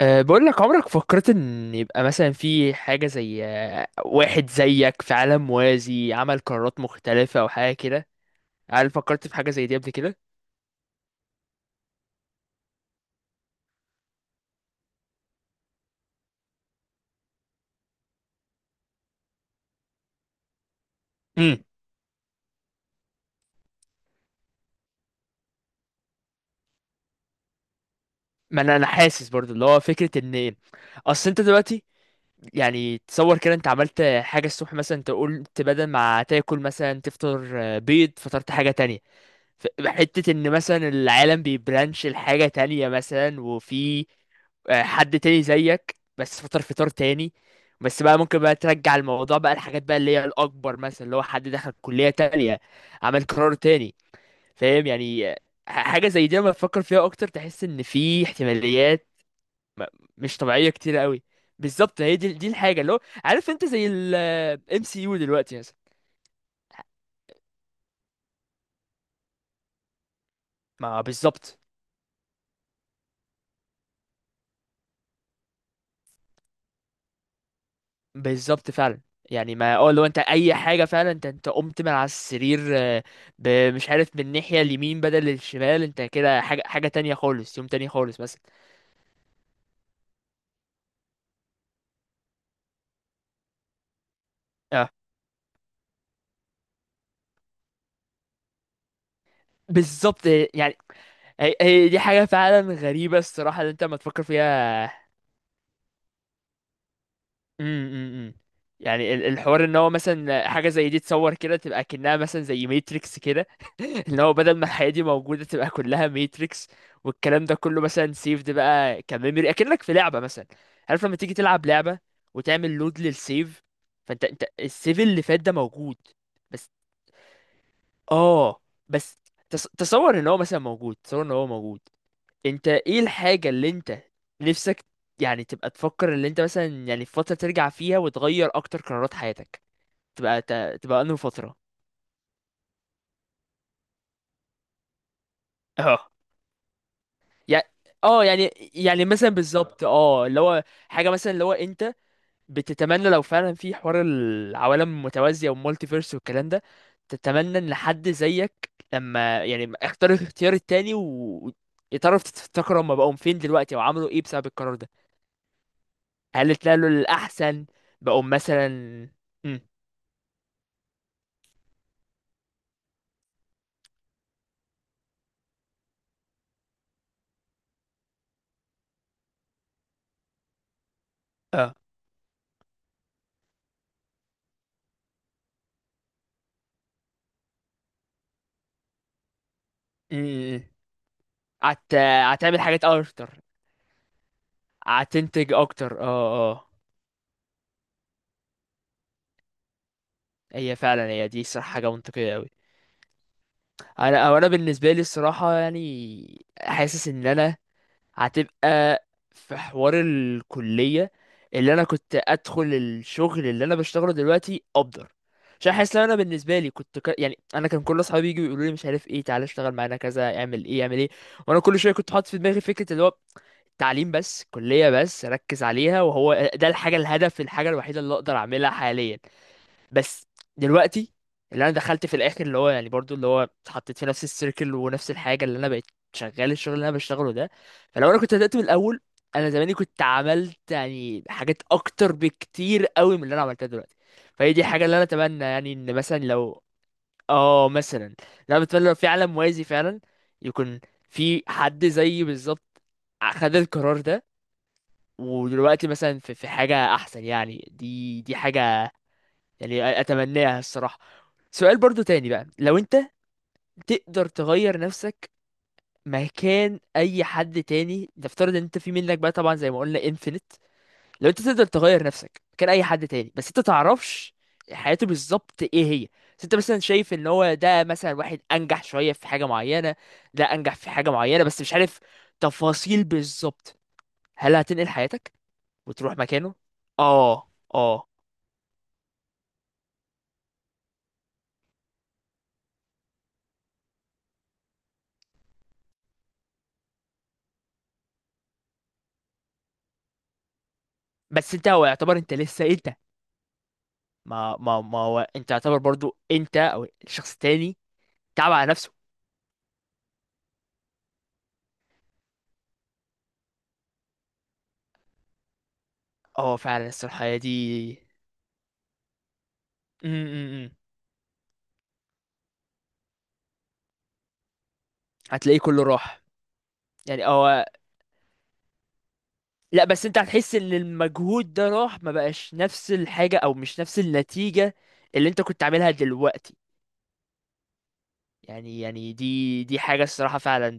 بقول لك، عمرك فكرت ان يبقى مثلا في حاجة زي واحد زيك في عالم موازي عمل قرارات مختلفة او حاجة كده؟ هل فكرت في حاجة زي دي قبل كده؟ امم ما انا حاسس برضو اللي هو فكرة ان ايه. اصل انت دلوقتي يعني تصور كده، انت عملت حاجة الصبح مثلا، انت قلت بدل ما تاكل مثلا تفطر بيض، فطرت حاجة تانية. حتة ان مثلا العالم بيبرانش لحاجة تانية مثلا، وفي حد تاني زيك بس فطر فطار تاني. بس بقى ممكن بقى ترجع الموضوع بقى، الحاجات بقى اللي هي الأكبر، مثلا اللي هو حد دخل كلية تانية، عمل قرار تاني. فاهم يعني؟ حاجة زي دي لما تفكر فيها أكتر تحس إن في احتماليات م- مش طبيعية كتير قوي. بالظبط، هي دي الحاجة اللي هو، عارف أنت زي ال MCU دلوقتي مثلا. ما بالظبط. بالظبط فعلا. يعني ما اه، لو انت اي حاجه فعلا، انت قمت من على السرير ب- مش عارف، من الناحيه اليمين بدل الشمال، انت كده حاجه تانية خالص، يوم تاني خالص مثلا. اه بالظبط. يعني هي دي حاجه فعلا غريبه الصراحه اللي انت ما تفكر فيها. امم امم امم. يعني الحوار ان هو مثلا حاجه زي دي، تصور كده تبقى كأنها مثلا زي ماتريكس كده. ان هو بدل ما الحياه دي موجوده تبقى كلها ماتريكس، والكلام ده كله مثلا سيفد بقى كميموري، اكنك في لعبه مثلا. عارف لما تيجي تلعب لعبه وتعمل لود للسيف، فانت، السيف اللي فات ده موجود. بس اه بس، تصور ان هو مثلا موجود، تصور ان هو موجود. انت ايه الحاجة اللي انت نفسك يعني تبقى تفكر، اللي انت مثلا يعني في فترة ترجع فيها وتغير اكتر قرارات حياتك، تبقى تبقى انهي فترة؟ اه. يعني يعني مثلا بالظبط، اه اللي هو حاجة مثلا اللي هو انت بتتمنى لو فعلا في حوار العوالم المتوازية والمالتي فيرس والكلام ده، تتمنى ان حد زيك لما يعني اختار الاختيار التاني ويتعرف، تفتكر هما بقوا فين دلوقتي او عملوا ايه بسبب القرار ده، هل طلع له الأحسن؟ بقوم مثلا. مم. اه. مم. هت... هتعمل حاجات أكتر، هتنتج أكتر. اه اه. هي فعلا هي دي صراحة حاجة منطقية أوي. أنا، أو أنا بالنسبة لي الصراحة يعني حاسس إن أنا هتبقى في حوار الكلية اللي انا كنت ادخل الشغل اللي انا بشتغله دلوقتي افضل. عشان حاسس ان انا بالنسبه لي كنت يعني انا كان كل اصحابي يجوا يقولوا لي مش عارف ايه، تعالى اشتغل معانا كذا، اعمل ايه، اعمل ايه. وانا كل شويه كنت حاطط في دماغي فكره اللي هو تعليم بس، كليه بس، ركز عليها، وهو ده الحاجه، الهدف، الحاجه الوحيده اللي اقدر اعملها حاليا. بس دلوقتي اللي انا دخلت في الاخر اللي هو يعني برضو اللي هو اتحطيت في نفس السيركل ونفس الحاجه اللي انا بقيت شغال الشغل اللي انا بشتغله ده. فلو انا كنت بدات من الاول، انا زماني كنت عملت يعني حاجات اكتر بكتير قوي من اللي انا عملتها دلوقتي. فهي دي حاجه اللي انا اتمنى، يعني ان مثلا لو اه، مثلا اللي انا بتمنى لو في عالم موازي فعلا يكون في حد زيي بالظبط خد القرار ده، ودلوقتي مثلا في حاجه احسن. يعني دي حاجه يعني اتمناها الصراحة. سؤال برضو تاني بقى، لو انت تقدر تغير نفسك مكان اي حد تاني، نفترض ان انت، في منك بقى طبعا زي ما قلنا انفينيت، لو انت تقدر تغير نفسك مكان اي حد تاني بس انت تعرفش حياته بالظبط ايه هي، بس انت مثلا شايف ان هو ده مثلا واحد انجح شوية في حاجة معينة، ده انجح في حاجة معينة بس مش عارف تفاصيل بالظبط، هل هتنقل حياتك وتروح مكانه؟ اه اه. بس انت هو يعتبر انت لسه إيه؟ انت، ما ما ما هو انت تعتبر برضو انت او الشخص التاني تعب على نفسه. اه فعلا الصراحة هي دي. م- م- م. هتلاقيه كله راح. يعني هو، لا بس انت هتحس ان المجهود ده راح، ما بقاش نفس الحاجة او مش نفس النتيجة اللي انت كنت عاملها دلوقتي. يعني يعني دي حاجة الصراحة فعلا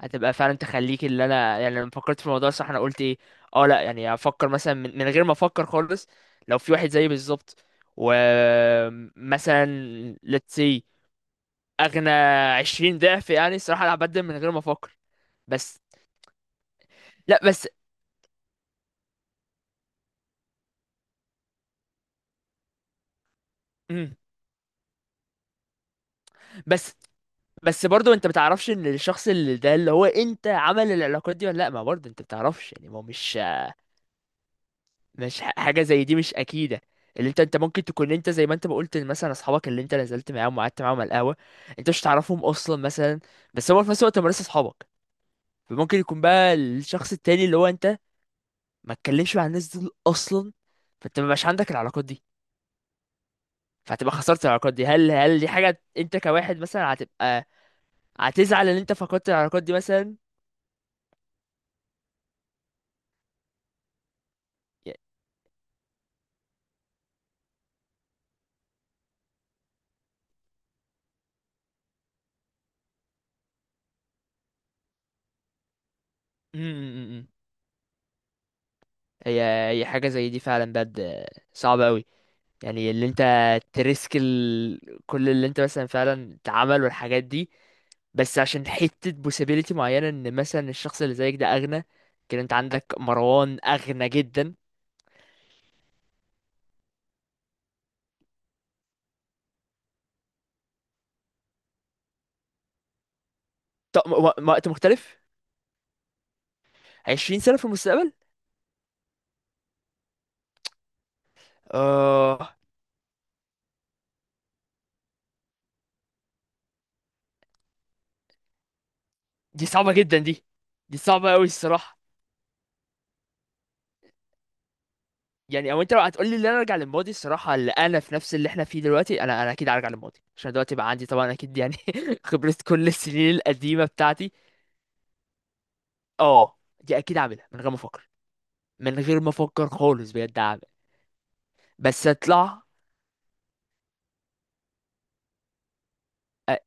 هتبقى فعلا تخليك، اللي انا يعني لما فكرت في الموضوع، صح انا قلت ايه؟ اه لا يعني افكر مثلا من غير ما افكر خالص، لو في واحد زيي بالظبط ومثلا let's say اغنى 20 ضعف، يعني الصراحه انا هبدل من غير ما افكر. بس لا بس، مم. بس بس برضو انت بتعرفش ان الشخص اللي ده اللي هو انت عمل العلاقات دي ولا لا، ما برضو انت بتعرفش، يعني ما هو مش، حاجه زي دي مش اكيده. اللي انت، انت ممكن تكون انت زي ما انت ما قلت، مثلا اصحابك اللي انت نزلت معاهم وقعدت معاهم على القهوه انت مش تعرفهم اصلا مثلا، بس هو في نفس الوقت هم لسه اصحابك. فممكن يكون بقى الشخص التاني اللي هو انت ما تكلمش مع الناس دول اصلا، فانت ما بقاش عندك العلاقات دي، فهتبقى خسرت العلاقات دي. هل دي حاجه انت كواحد مثلا هتبقى هتزعل ان انت فقدت العلاقات دي مثلا؟ ي- م- م- م- م. هي هي حاجه زي دي فعلا بجد صعبه قوي. يعني اللي انت تريسك كل اللي انت مثلا فعلا اتعمل والحاجات دي، بس عشان حتة possibility معينة ان مثلا الشخص اللي زيك ده اغنى. كده انت عندك مروان اغنى جدا. طب وقت مختلف؟ عشرين سنة في المستقبل. اه دي صعبة جدا دي. دي صعبة قوي الصراحة. يعني او انت لو هتقولي ان انا ارجع للماضي، الصراحة اللي انا في نفس اللي احنا فيه دلوقتي، انا، انا اكيد هرجع للماضي عشان دلوقتي بقى عندي طبعا اكيد يعني خبرة كل السنين القديمة بتاعتي. اه دي اكيد عاملها من غير ما افكر، من غير ما افكر خالص، بجد اعمل. بس اطلع، أ-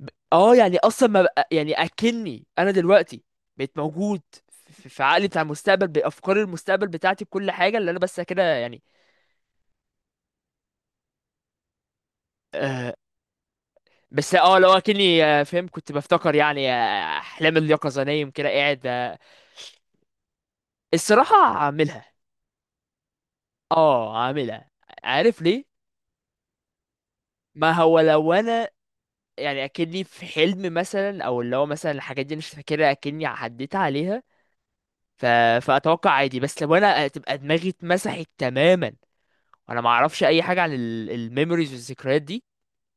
اه يعني اصلا ما بقى يعني اكني انا دلوقتي بقيت موجود في في عقلي بتاع المستقبل، بافكار المستقبل بتاعتي، بكل حاجه اللي انا، بس كده يعني. آه بس اه، لو اكني فاهم، كنت بفتكر يعني احلام اليقظه، نايم كده قاعد الصراحه هعملها. اه هعملها. عارف ليه؟ ما هو لو انا يعني اكني في حلم مثلا، او اللي هو مثلا الحاجات دي أنا مش فاكرها اكني عديت عليها، ف... فاتوقع عادي. بس لو انا تبقى دماغي اتمسحت تماما وانا ما اعرفش اي حاجه عن الميموريز والذكريات دي،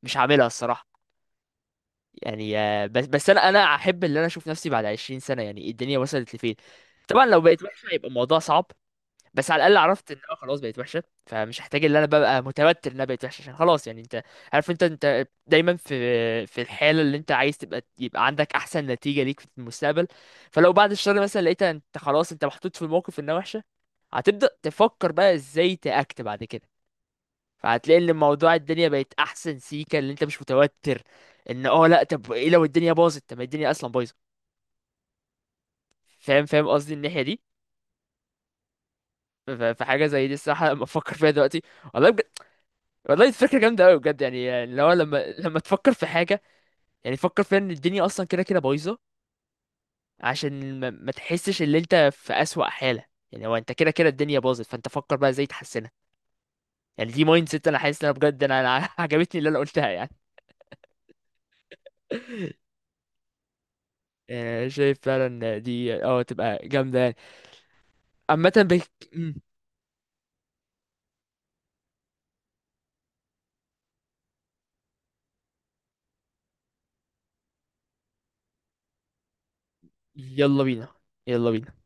مش هعملها الصراحه. يعني بس بس انا انا احب ان انا اشوف نفسي بعد 20 سنه يعني الدنيا وصلت لفين. طبعا لو بقيت وحشه هيبقى الموضوع صعب، بس على الاقل عرفت ان انا خلاص بقيت وحشه، فمش هحتاج ان انا ببقى متوتر ان انا بقيت وحشه، عشان خلاص يعني انت عارف، انت انت دايما في في الحاله اللي انت عايز تبقى يبقى عندك احسن نتيجه ليك في المستقبل. فلو بعد الشر مثلا لقيت انت خلاص انت محطوط في الموقف انها وحشه، هتبدا تفكر بقى ازاي تاكت بعد كده. فهتلاقي ان الموضوع، الدنيا بقت احسن سيكه اللي انت مش متوتر ان، اه لا طب ايه لو الدنيا باظت، طب ما الدنيا اصلا بايظه. فاهم فاهم قصدي الناحيه دي. فحاجه زي دي الصراحه لما افكر فيها دلوقتي، والله بجد، والله دي فكرة جامدة أوي بجد، يعني اللي هو لما لما تفكر في حاجة يعني فكر فيها إن الدنيا أصلا كده كده بايظة عشان ما تحسش إن أنت في أسوأ حالة. يعني هو أنت كده كده الدنيا باظت، فأنت فكر بقى إزاي تحسنها. يعني دي مايند سيت أنا حاسس إن أنا بجد أنا أنا عجبتني اللي أنا قلتها يعني. شايف فعلا دي أه تبقى جامدة يعني. عامة مم. يلا بينا. يلا بينا.